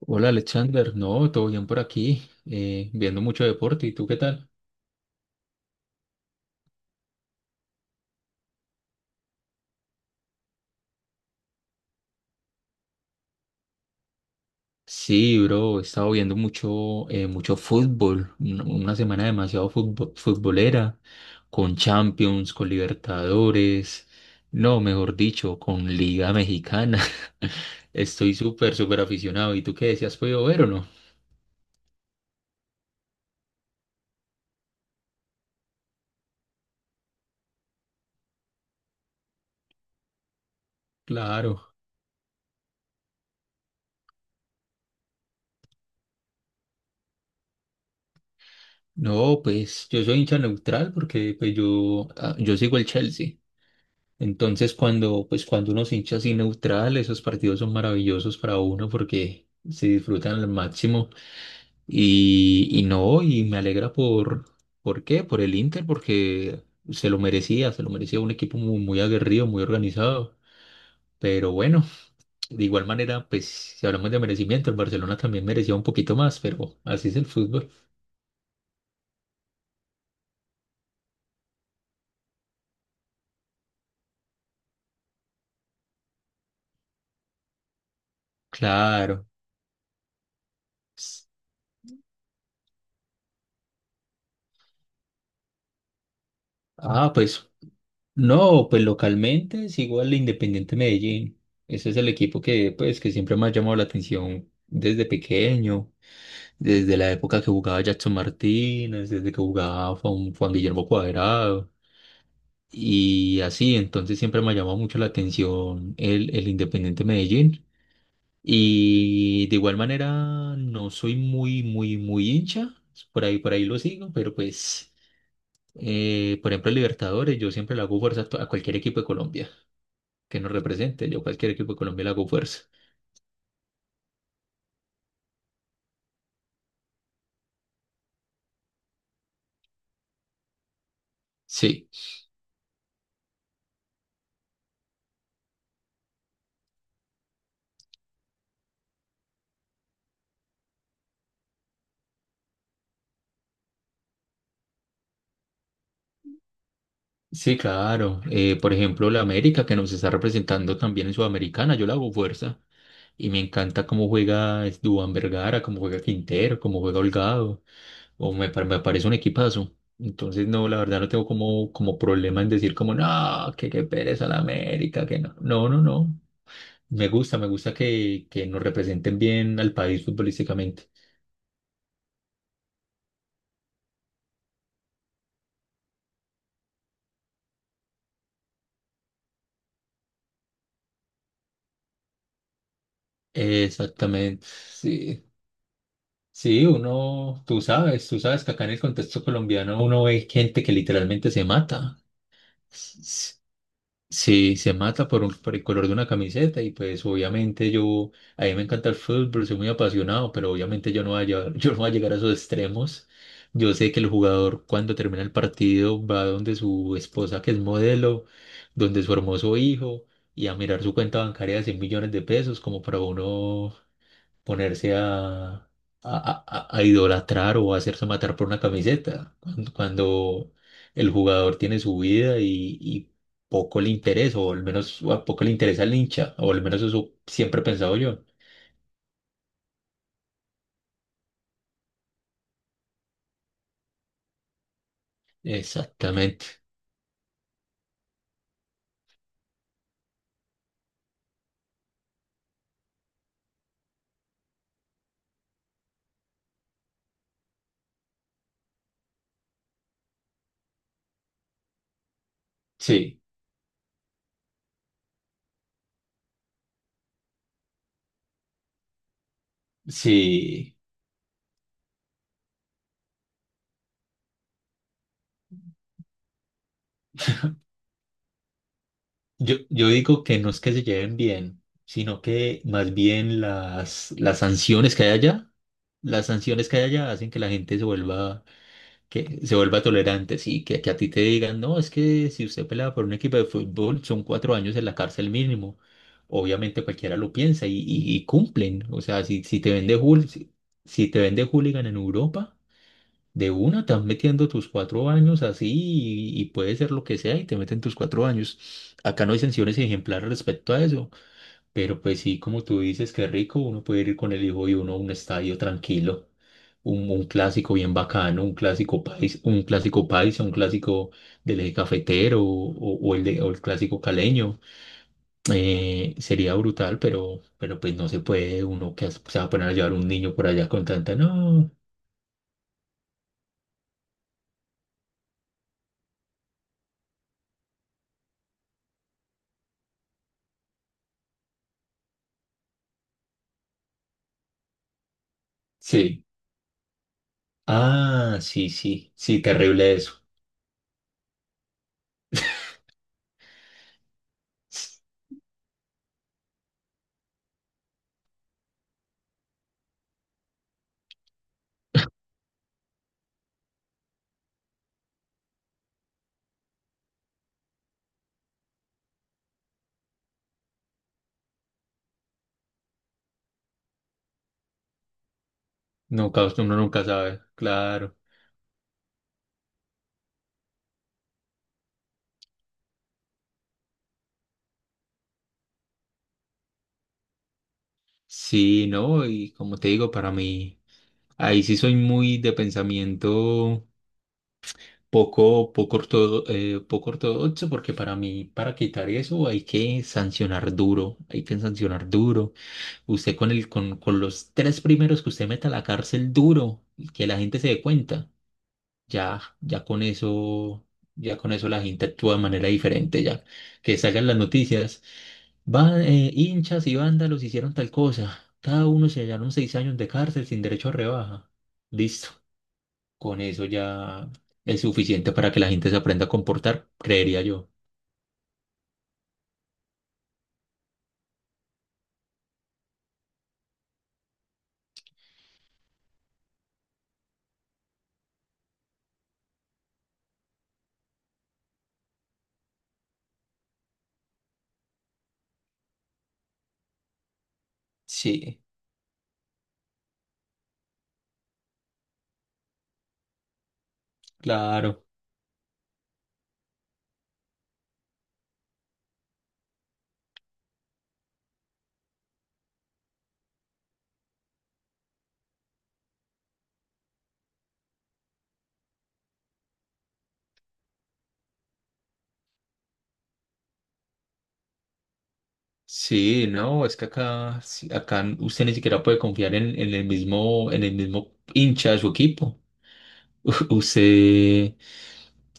Hola Alexander, no, todo bien por aquí, viendo mucho deporte, ¿y tú qué tal? Sí, bro, he estado viendo mucho, mucho fútbol, una semana demasiado futbolera, con Champions, con Libertadores, no, mejor dicho, con Liga Mexicana. Estoy súper aficionado. ¿Y tú qué decías, podido ver o no? Claro. No, pues yo soy hincha neutral porque pues yo, yo sigo el Chelsea. Entonces, cuando, pues, cuando uno se hincha así neutral, esos partidos son maravillosos para uno porque se disfrutan al máximo. Y no, y me alegra ¿por qué? Por el Inter, porque se lo merecía un equipo muy aguerrido, muy organizado. Pero bueno, de igual manera, pues, si hablamos de merecimiento, el Barcelona también merecía un poquito más, pero así es el fútbol. Claro. Ah, pues. No, pues localmente es igual el Independiente Medellín. Ese es el equipo que, pues, que siempre me ha llamado la atención desde pequeño, desde la época que jugaba Jackson Martínez, desde que jugaba Juan Guillermo Cuadrado y así. Entonces siempre me ha llamado mucho la atención el Independiente Medellín. Y de igual manera no soy muy hincha. Por ahí lo sigo, pero pues, por ejemplo, el Libertadores, yo siempre le hago fuerza a a cualquier equipo de Colombia que nos represente. Yo a cualquier equipo de Colombia le hago fuerza. Sí, sí, claro. Por ejemplo, la América que nos está representando también en Sudamericana, yo le hago fuerza. Y me encanta cómo juega es, Duván Vergara, cómo juega Quintero, cómo juega Holgado. Me parece un equipazo. Entonces, no, la verdad no tengo como, como problema en decir como, no, que qué pereza la América, que no. No, no, no. Me gusta que nos representen bien al país futbolísticamente. Exactamente, sí. Sí, uno, tú sabes que acá en el contexto colombiano uno ve gente que literalmente se mata. S- Sí, se mata por por el color de una camiseta y pues obviamente yo, a mí me encanta el fútbol, soy muy apasionado, pero obviamente yo no voy a llegar, yo no voy a llegar a esos extremos. Yo sé que el jugador cuando termina el partido va donde su esposa que es modelo, donde su hermoso hijo y a mirar su cuenta bancaria de 100 millones de pesos como para uno ponerse a idolatrar o a hacerse matar por una camiseta, cuando el jugador tiene su vida y poco le interesa, o al menos a poco le interesa al hincha, o al menos eso siempre he pensado yo. Exactamente. Sí, sí. Yo digo que no es que se lleven bien, sino que más bien las sanciones que hay allá, las sanciones que hay allá hacen que la gente se vuelva que se vuelva tolerante, sí, que a ti te digan, no, es que si usted pelaba por un equipo de fútbol son 4 años en la cárcel mínimo. Obviamente cualquiera lo piensa y cumplen. O sea, si te vende si te vende hooligan en Europa, de una estás metiendo tus 4 años así y puede ser lo que sea y te meten tus 4 años. Acá no hay sanciones ejemplares respecto a eso. Pero pues sí, como tú dices, qué rico, uno puede ir con el hijo y uno a un estadio tranquilo, un clásico bien bacano, un clásico país, un clásico paisa, un clásico del eje cafetero o el clásico caleño. Sería brutal, pero pues no se puede uno que se va a poner a llevar un niño por allá con tanta, no. Sí. Ah, sí, sí, sí, terrible eso. Nunca, uno nunca sabe, claro. Sí, no, y como te digo, para mí. Ahí sí soy muy de pensamiento poco ortodoxo, porque para mí, para quitar eso, hay que sancionar duro, hay que sancionar duro. Usted con los tres primeros que usted meta a la cárcel duro, y que la gente se dé cuenta, ya, ya con eso, ya con eso la gente actúa de manera diferente, ya que salgan las noticias. Van, hinchas y vándalos hicieron tal cosa. Cada uno se hallaron 6 años de cárcel sin derecho a rebaja. Listo. Con eso ya es suficiente para que la gente se aprenda a comportar, creería yo. Sí, claro. Sí, no, es que acá, sí, acá usted ni siquiera puede confiar en el mismo hincha de su equipo. Usted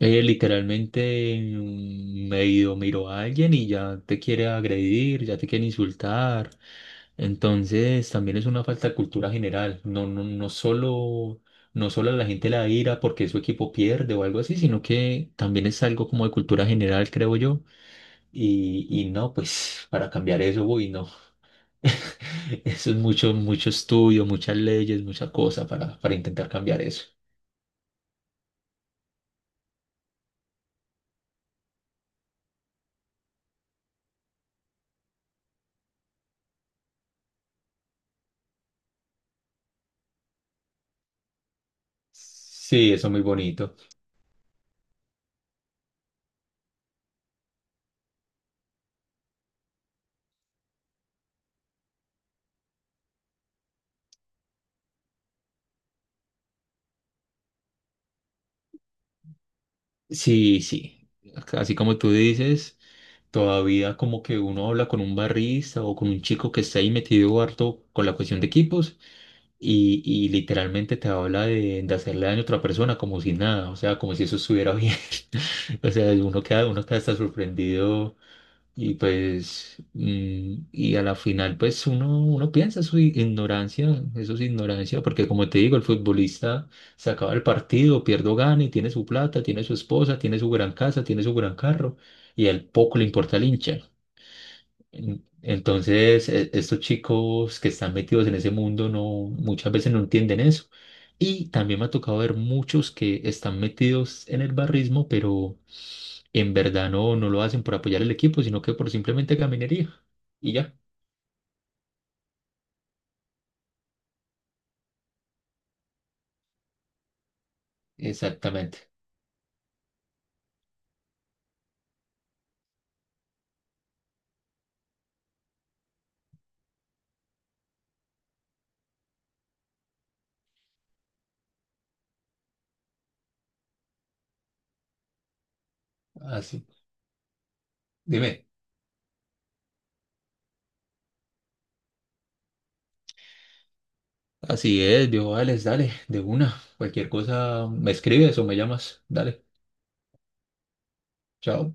medio miró a alguien y ya te quiere agredir, ya te quiere insultar. Entonces, también es una falta de cultura general. No solo no solo a la gente la ira porque su equipo pierde o algo así, sino que también es algo como de cultura general, creo yo. Y no, pues para cambiar eso, uy, no. Eso es mucho, mucho estudio, muchas leyes, mucha cosa para intentar cambiar eso. Sí, eso es muy bonito. Sí, sí. Así como tú dices. Todavía como que uno habla con un barrista o con un chico que está ahí metido harto con la cuestión de equipos y literalmente te habla de hacerle daño a otra persona como si nada, o sea, como si eso estuviera bien. O sea, uno queda hasta sorprendido y pues, y a la final pues uno, uno piensa su ignorancia, eso es ignorancia, porque como te digo, el futbolista se acaba el partido, pierde o gana y tiene su plata, tiene su esposa, tiene su gran casa, tiene su gran carro y al poco le importa el hincha. Entonces, estos chicos que están metidos en ese mundo no, muchas veces no entienden eso. Y también me ha tocado ver muchos que están metidos en el barrismo, pero en verdad no, no lo hacen por apoyar el equipo, sino que por simplemente caminería. Y ya, exactamente. Así, dime. Así es, viejo, dale, dale, de una. Cualquier cosa me escribes o me llamas. Dale, chao.